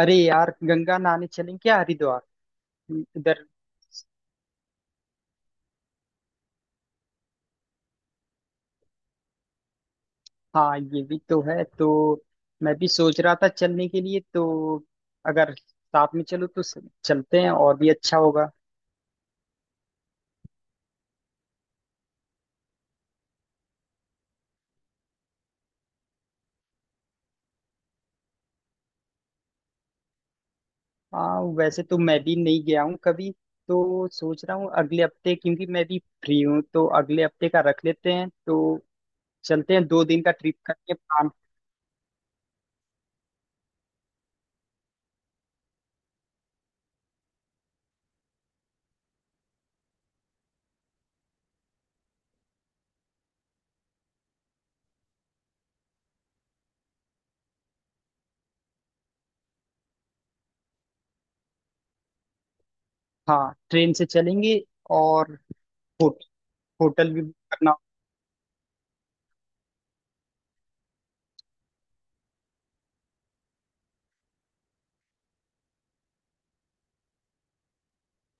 अरे यार, गंगा नहाने चलें क्या? हरिद्वार इधर। हाँ, ये भी तो है। तो मैं भी सोच रहा था चलने के लिए। तो अगर साथ में चलो तो चलते हैं, और भी अच्छा होगा। हाँ वैसे तो मैं भी नहीं गया हूँ कभी। तो सोच रहा हूँ अगले हफ्ते, क्योंकि मैं भी फ्री हूँ। तो अगले हफ्ते का रख लेते हैं। तो चलते हैं, दो दिन का ट्रिप करके प्लान। हाँ ट्रेन से चलेंगे। और होटल, होटल भी बुक करना।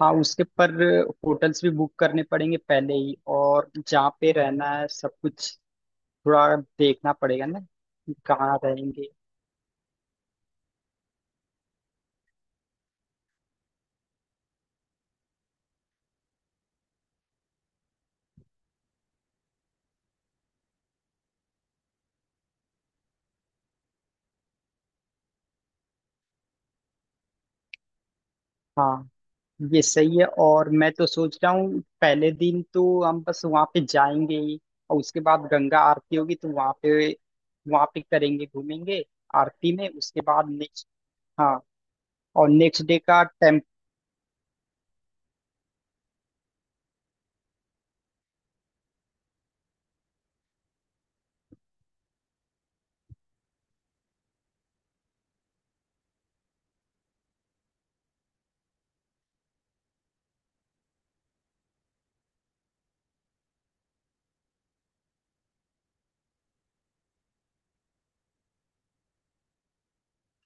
हाँ उसके पर होटल्स भी बुक करने पड़ेंगे पहले ही, और जहाँ पे रहना है सब कुछ थोड़ा देखना पड़ेगा ना कि कहाँ रहेंगे। हाँ, ये सही है। और मैं तो सोच रहा हूँ पहले दिन तो हम बस वहाँ पे जाएंगे ही, और उसके बाद गंगा आरती होगी तो वहाँ पे, वहाँ पे करेंगे, घूमेंगे आरती में। उसके बाद नेक्स्ट। हाँ और नेक्स्ट डे का टेम्प।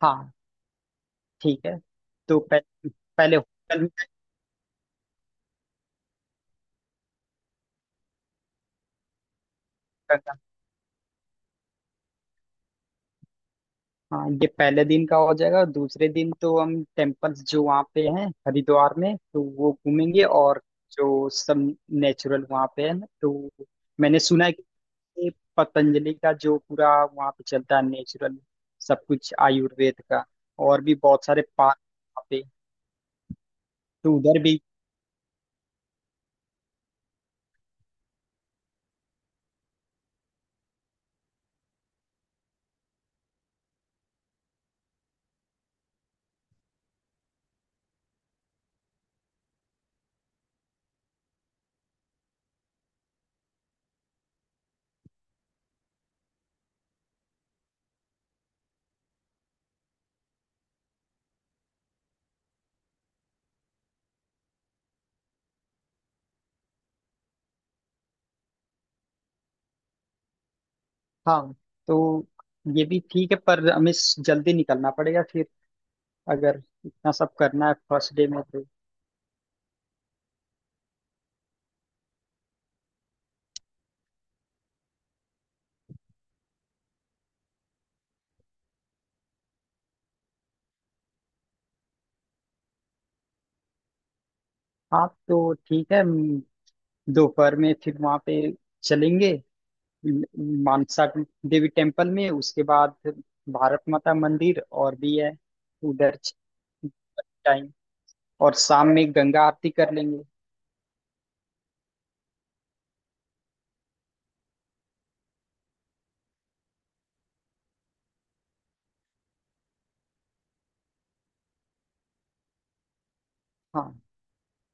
हाँ ठीक है। तो पह, पहले होटल में। गंगा। हाँ ये पहले दिन का हो जाएगा। दूसरे दिन तो हम टेम्पल्स जो वहाँ पे हैं हरिद्वार में, तो वो घूमेंगे। और जो सब नेचुरल वहाँ पे है ना, तो मैंने सुना है कि ये पतंजलि का जो पूरा वहाँ पे चलता है नेचुरल सब कुछ आयुर्वेद का, और भी बहुत सारे पार्क वहाँ पे, तो उधर भी। हाँ तो ये भी ठीक है, पर हमें जल्दी निकलना पड़ेगा फिर, अगर इतना सब करना है फर्स्ट डे में तो। हाँ तो ठीक है, दोपहर में फिर वहां पे चलेंगे मानसा देवी टेम्पल में। उसके बाद भारत माता मंदिर और भी है उधर, टाइम। और शाम में गंगा आरती कर लेंगे। हाँ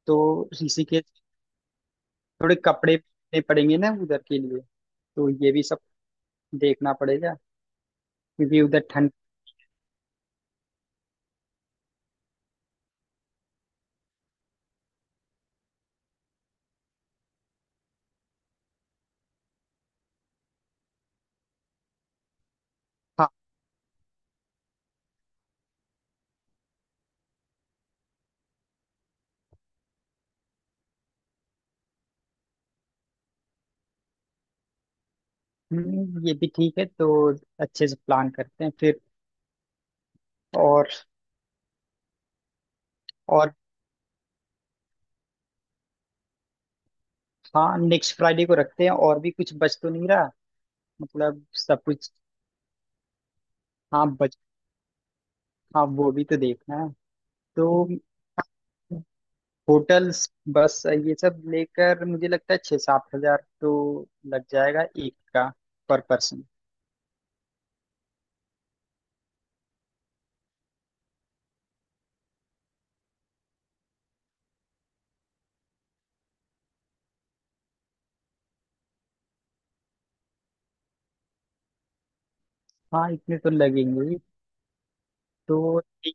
तो ऋषिकेश, थोड़े कपड़े लेने पड़ेंगे ना उधर के लिए, तो ये भी सब देखना पड़ेगा क्योंकि उधर ठंड। हाँ। ये भी ठीक है। तो अच्छे से प्लान करते हैं फिर। और और हाँ, नेक्स्ट फ्राइडे को रखते हैं। और भी कुछ बच तो नहीं रहा मतलब सब कुछ? हाँ, हाँ वो भी तो देखना है। तो होटल्स, बस ये सब लेकर मुझे लगता है छः सात हजार तो लग जाएगा एक का, पर पर्सन। हाँ इतने तो लगेंगे ही। तो एक,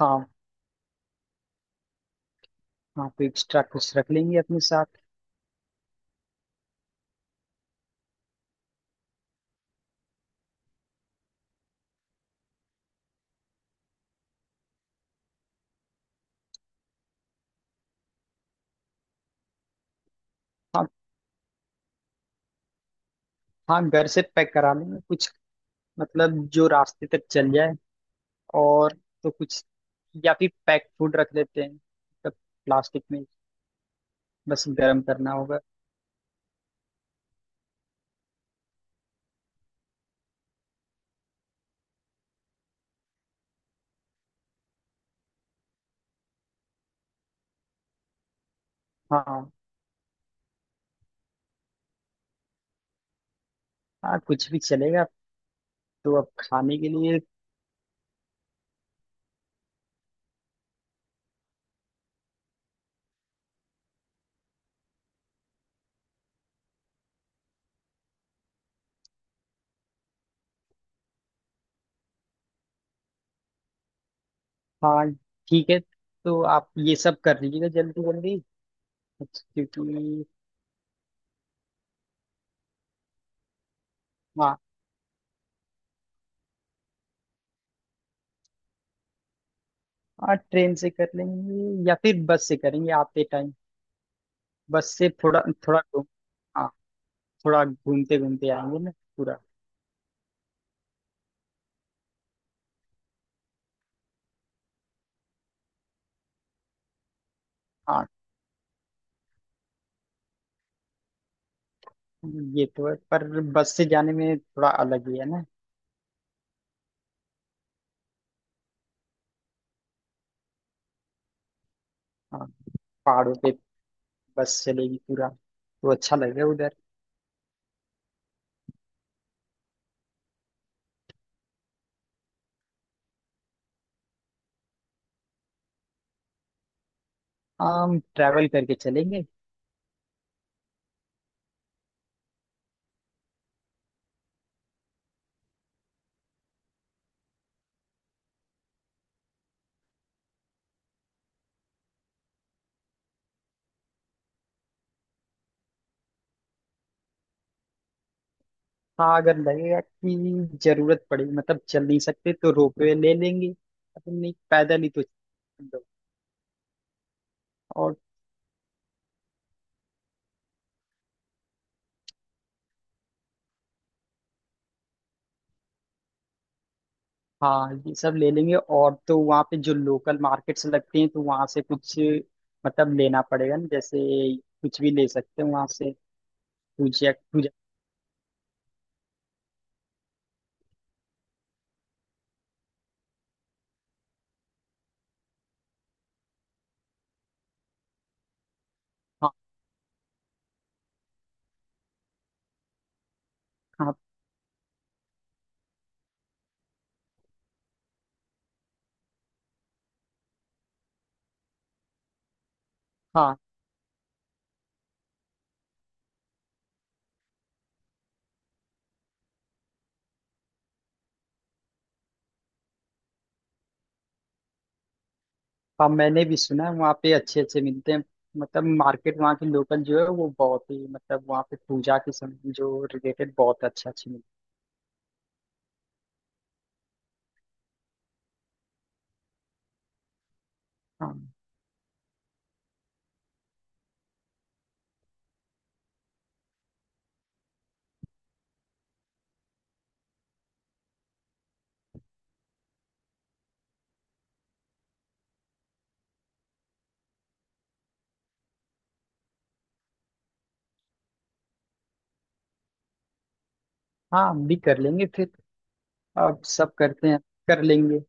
हाँ हाँ, तो एक्स्ट्रा कुछ रख लेंगे अपने साथ। हाँ, हाँ घर से पैक करा लेंगे कुछ, मतलब जो रास्ते तक चल जाए। और तो कुछ, या फिर पैक फूड रख लेते हैं, मतलब प्लास्टिक में, बस गर्म करना होगा। हाँ, हाँ कुछ भी चलेगा। तो अब खाने के लिए। हाँ ठीक है, तो आप ये सब कर लीजिएगा जल्दी जल्दी, क्योंकि। हाँ, हाँ ट्रेन से कर लेंगे या फिर बस से करेंगे आते टाइम। बस से थोड़ा, थोड़ा घूम, हाँ थोड़ा घूमते घूमते आएंगे ना पूरा। हाँ ये तो है, पर बस से जाने में थोड़ा अलग ही है ना। हाँ पहाड़ों पे बस चलेगी पूरा, तो अच्छा लगेगा उधर। हम ट्रैवल करके चलेंगे। हाँ अगर लगेगा कि जरूरत पड़ेगी, मतलब चल नहीं सकते, तो रोपवे ले लेंगे। अपन नहीं, पैदल ही तो चल लो। और हाँ ये सब ले लेंगे। और तो वहाँ पे जो लोकल मार्केट्स लगते हैं, तो वहाँ से कुछ मतलब लेना पड़ेगा ना। जैसे कुछ भी ले सकते हैं वहाँ से। पूजा पूजा। हाँ, हाँ, हाँ। हाँ मैंने भी सुना है वहाँ पे अच्छे अच्छे मिलते हैं, मतलब मार्केट वहाँ की लोकल जो है वो बहुत ही, मतलब वहाँ पे पूजा के समय जो रिलेटेड बहुत अच्छा अच्छी मिलती है। हाँ, हाँ हम भी कर लेंगे फिर। अब सब करते हैं, कर लेंगे।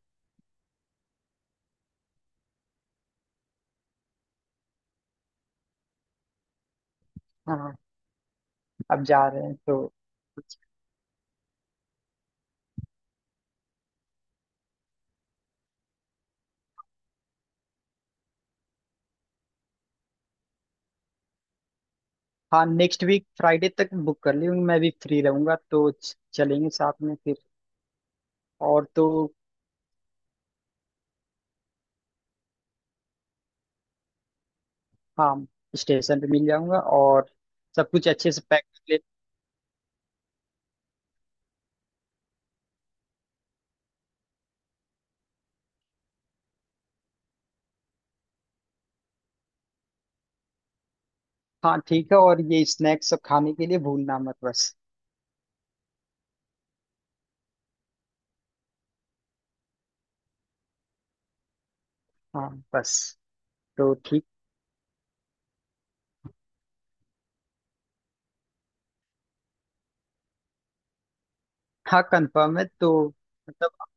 हाँ अब जा रहे हैं तो। हाँ नेक्स्ट वीक फ्राइडे तक बुक कर लूंगी, मैं भी फ्री रहूंगा, तो चलेंगे साथ में फिर। और तो हाँ, स्टेशन पे मिल जाऊंगा। और सब कुछ अच्छे से पैक कर ले। हाँ ठीक है, और ये स्नैक्स सब खाने के लिए भूलना मत बस। हाँ बस। तो ठीक। हाँ कंफर्म है, तो मतलब